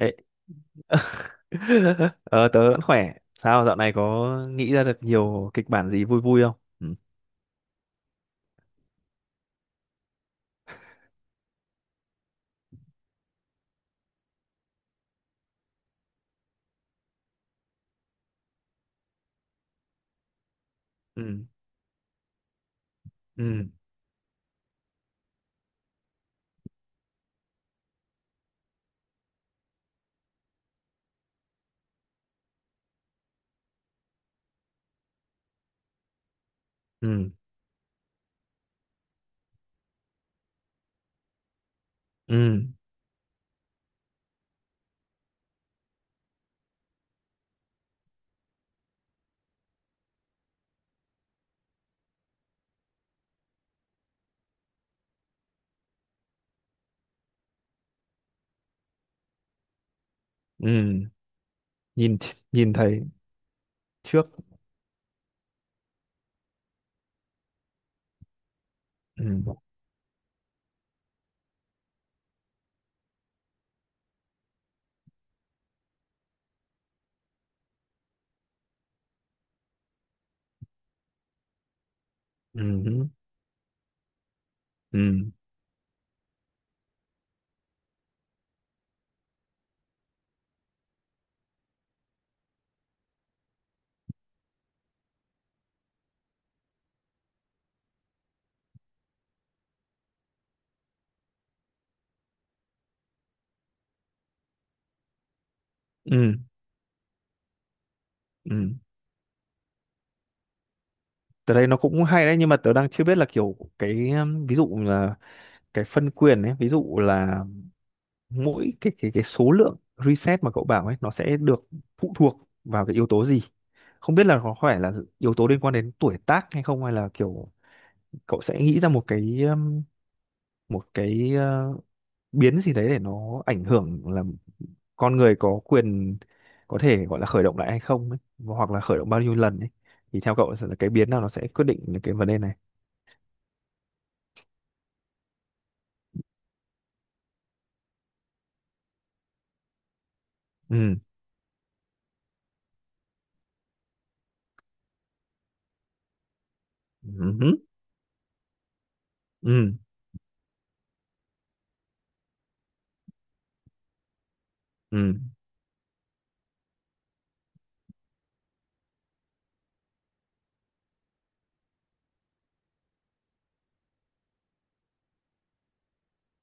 Ê, Ờ, tớ vẫn khỏe. Sao dạo này có nghĩ ra được nhiều kịch bản gì vui vui không? Ừ. Ừ. Ừ. Ừ. Ừ. Ừ. Nhìn nhìn thấy trước. Ừ. Ừ. Ừ. Ừ. Ừ. Tớ đây nó cũng hay đấy, nhưng mà tớ đang chưa biết là kiểu cái ví dụ là cái phân quyền ấy, ví dụ là mỗi cái số lượng reset mà cậu bảo ấy nó sẽ được phụ thuộc vào cái yếu tố gì? Không biết là có phải là yếu tố liên quan đến tuổi tác hay không, hay là kiểu cậu sẽ nghĩ ra một cái biến gì đấy để nó ảnh hưởng là con người có quyền có thể gọi là khởi động lại hay không ấy, hoặc là khởi động bao nhiêu lần ấy, thì theo cậu sẽ là cái biến nào nó sẽ quyết định những cái vấn đề này? Ừ. Ừ. Ừ. Ừ. Ừ.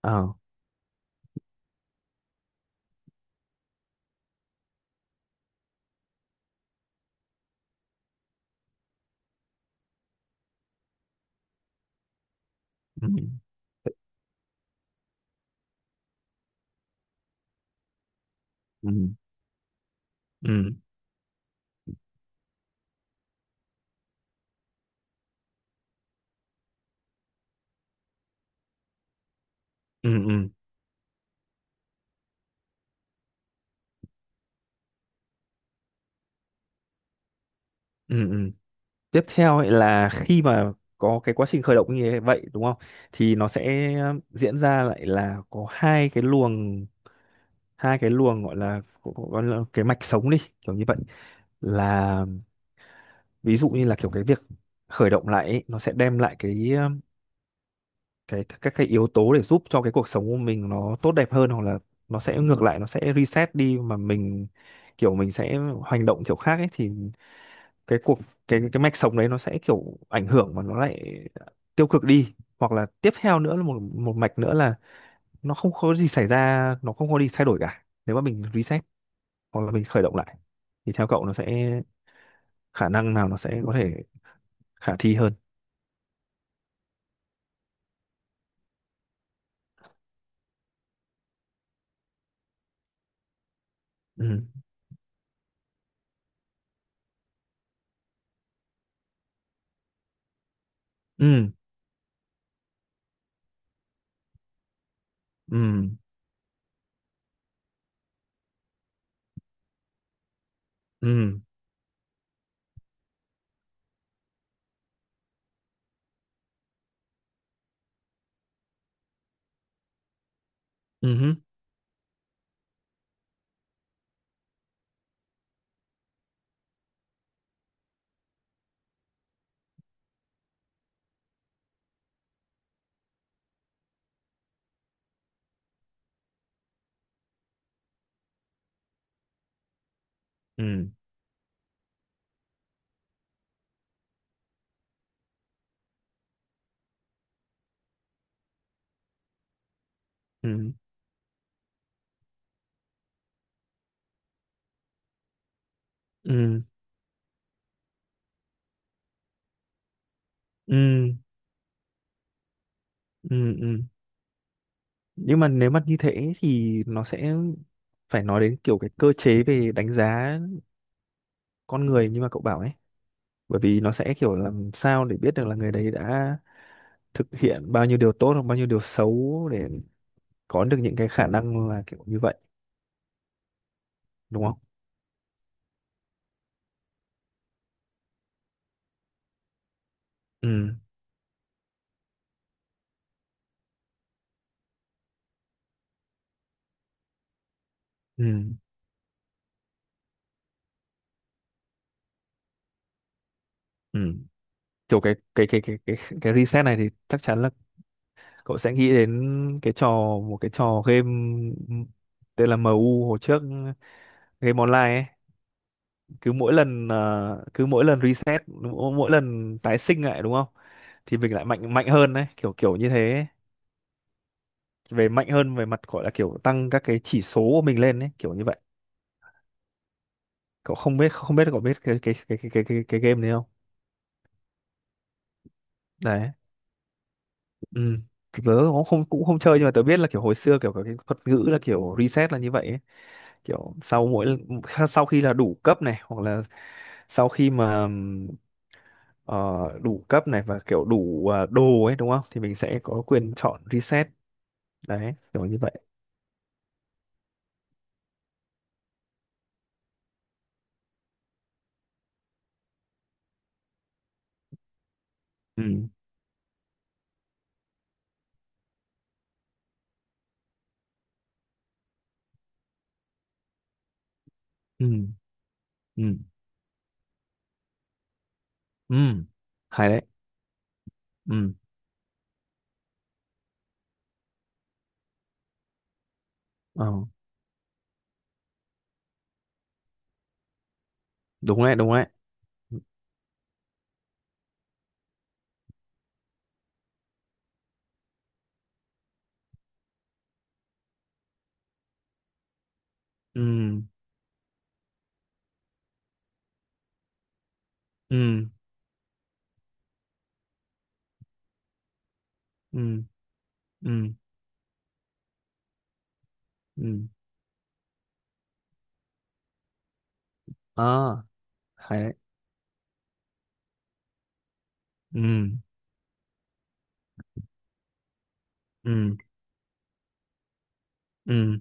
Ờ. Ừ. Ừ. Ừ. Ừ. Ừ. Ừ. Ừ. Tiếp theo ấy là khi mà có cái quá trình khởi động như thế vậy đúng không, thì nó sẽ diễn ra lại là có hai cái luồng, gọi là cái mạch sống đi kiểu như vậy, là ví dụ như là kiểu cái việc khởi động lại ấy, nó sẽ đem lại cái các cái yếu tố để giúp cho cái cuộc sống của mình nó tốt đẹp hơn, hoặc là nó sẽ ngược lại, nó sẽ reset đi mà mình kiểu mình sẽ hành động kiểu khác ấy, thì cái cuộc cái mạch sống đấy nó sẽ kiểu ảnh hưởng mà nó lại tiêu cực đi, hoặc là tiếp theo nữa là một một mạch nữa là nó không có gì xảy ra, nó không có gì thay đổi cả nếu mà mình reset hoặc là mình khởi động lại, thì theo cậu nó sẽ khả năng nào nó sẽ có thể khả thi hơn? Ừ ừ. Ừ. Ừ. Ừ hứ. Ừ. Ừ. Ừ. Ừ. Ừ. Ừ. Nhưng mà nếu mà như thế thì nó sẽ phải nói đến kiểu cái cơ chế về đánh giá con người như mà cậu bảo ấy, bởi vì nó sẽ kiểu làm sao để biết được là người đấy đã thực hiện bao nhiêu điều tốt hoặc bao nhiêu điều xấu để có được những cái khả năng là kiểu như vậy đúng không? Ừ. Ừ. Ừ. Kiểu cái reset này thì chắc chắn là cậu sẽ nghĩ đến cái trò một cái trò game tên là MU hồi trước, game online ấy, cứ mỗi lần cứ mỗi lần reset, mỗi mỗi lần tái sinh lại đúng không thì mình lại mạnh mạnh hơn đấy, kiểu kiểu như thế ấy. Về mạnh hơn về mặt gọi là kiểu tăng các cái chỉ số của mình lên đấy, kiểu như vậy. Cậu không biết cậu biết cái game này không? Đấy. Ừ, tớ cũng không chơi, nhưng mà tớ biết là kiểu hồi xưa kiểu có cái thuật ngữ là kiểu reset là như vậy ấy. Kiểu sau khi là đủ cấp này, hoặc là sau khi mà ờ, đủ cấp này và kiểu đủ đồ ấy đúng không thì mình sẽ có quyền chọn reset, đấy kiểu như vậy. Ừ. Ừ. Ừ. Ừ. Hay đấy. Ừ. Ờ, đúng đấy, đúng đấy. Ừ. Ừ. Ừ. Ừ. Ừ. À. Hay đấy. Ừ. Ừ. Ừ.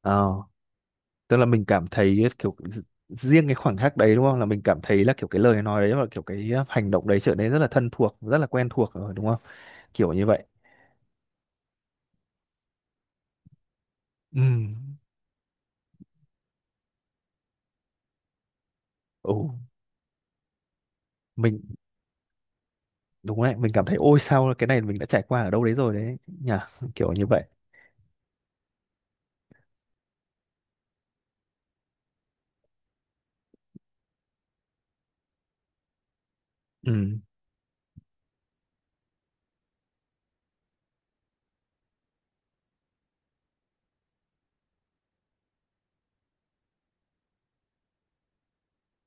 ờ Tức là mình cảm thấy kiểu riêng cái khoảnh khắc đấy đúng không, là mình cảm thấy là kiểu cái lời nói đấy và kiểu cái hành động đấy trở nên rất là thân thuộc, rất là quen thuộc rồi đúng không, kiểu như vậy. Ừ. Ừ. Mình đúng đấy, mình cảm thấy ôi sao cái này mình đã trải qua ở đâu đấy rồi đấy nhỉ, kiểu như vậy. Ừ.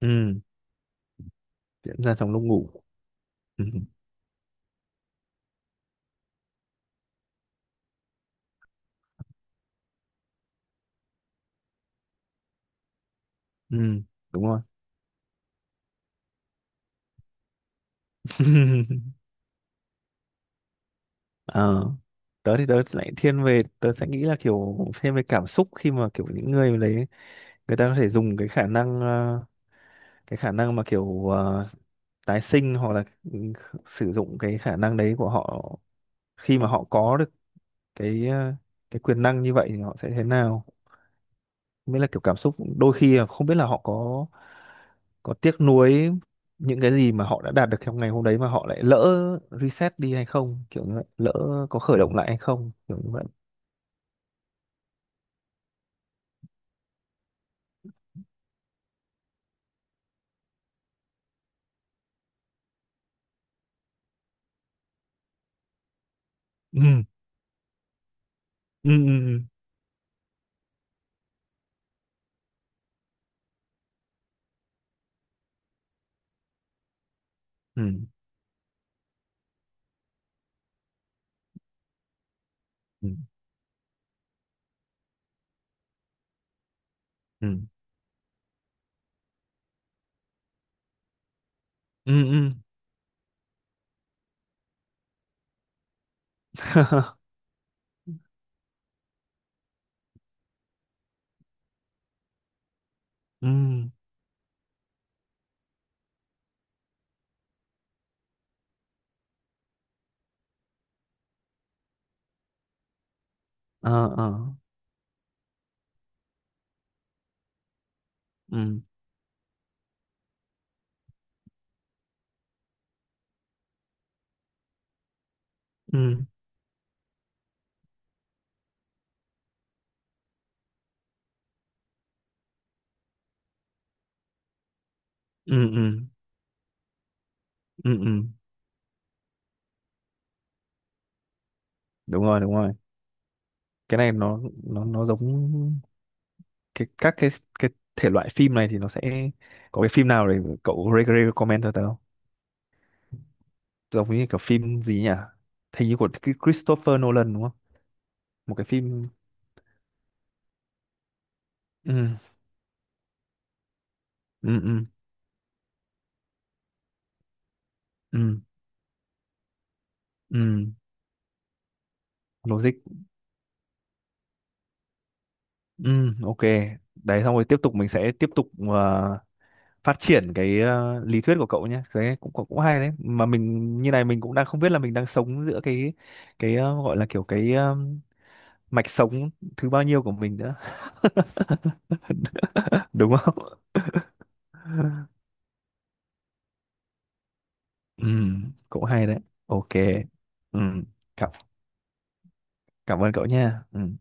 Ừ. Diễn ra trong lúc ngủ. Ừ. Ừ. Đúng rồi. Ờ, tớ thì tớ lại thiên về tớ sẽ nghĩ là kiểu thêm về cảm xúc khi mà kiểu những người đấy người ta có thể dùng cái khả năng cái khả năng mà kiểu tái sinh hoặc là ừ, sử dụng cái khả năng đấy của họ khi mà họ có được cái cái quyền năng như vậy thì họ sẽ thế nào, mới là kiểu cảm xúc, đôi khi là không biết là họ có tiếc nuối những cái gì mà họ đã đạt được trong ngày hôm đấy mà họ lại lỡ reset đi hay không, kiểu như vậy, lỡ có khởi động lại hay không kiểu như vậy. Ừ. Ừ. Ừ. Ừ. Ừ. Ừ. Ừ. Ừ. Ừ. Ờ. Ờ. Ừ. Ừ. Ừ. Ừ. Ừ. Ừ. Đúng rồi, đúng rồi. Cái này nó giống cái các cái thể loại phim này thì nó sẽ có cái phim nào để cậu recommend cho tớ không, giống như kiểu phim gì nhỉ, hình như của Christopher Nolan đúng không? Một cái phim. Ừ. Ừ. Ừ. Ừ. Ừ. Logic. Ừ. Ok, đấy xong rồi tiếp tục, mình sẽ tiếp tục phát triển cái lý thuyết của cậu nhé, đấy cũng cũng cũng hay đấy, mà mình như này mình cũng đang không biết là mình đang sống giữa cái gọi là kiểu cái mạch sống thứ bao nhiêu của mình nữa. Đúng không? Ừ, cũng hay đấy. Ok. Ừ, cảm cảm ơn cậu nha. Ừ.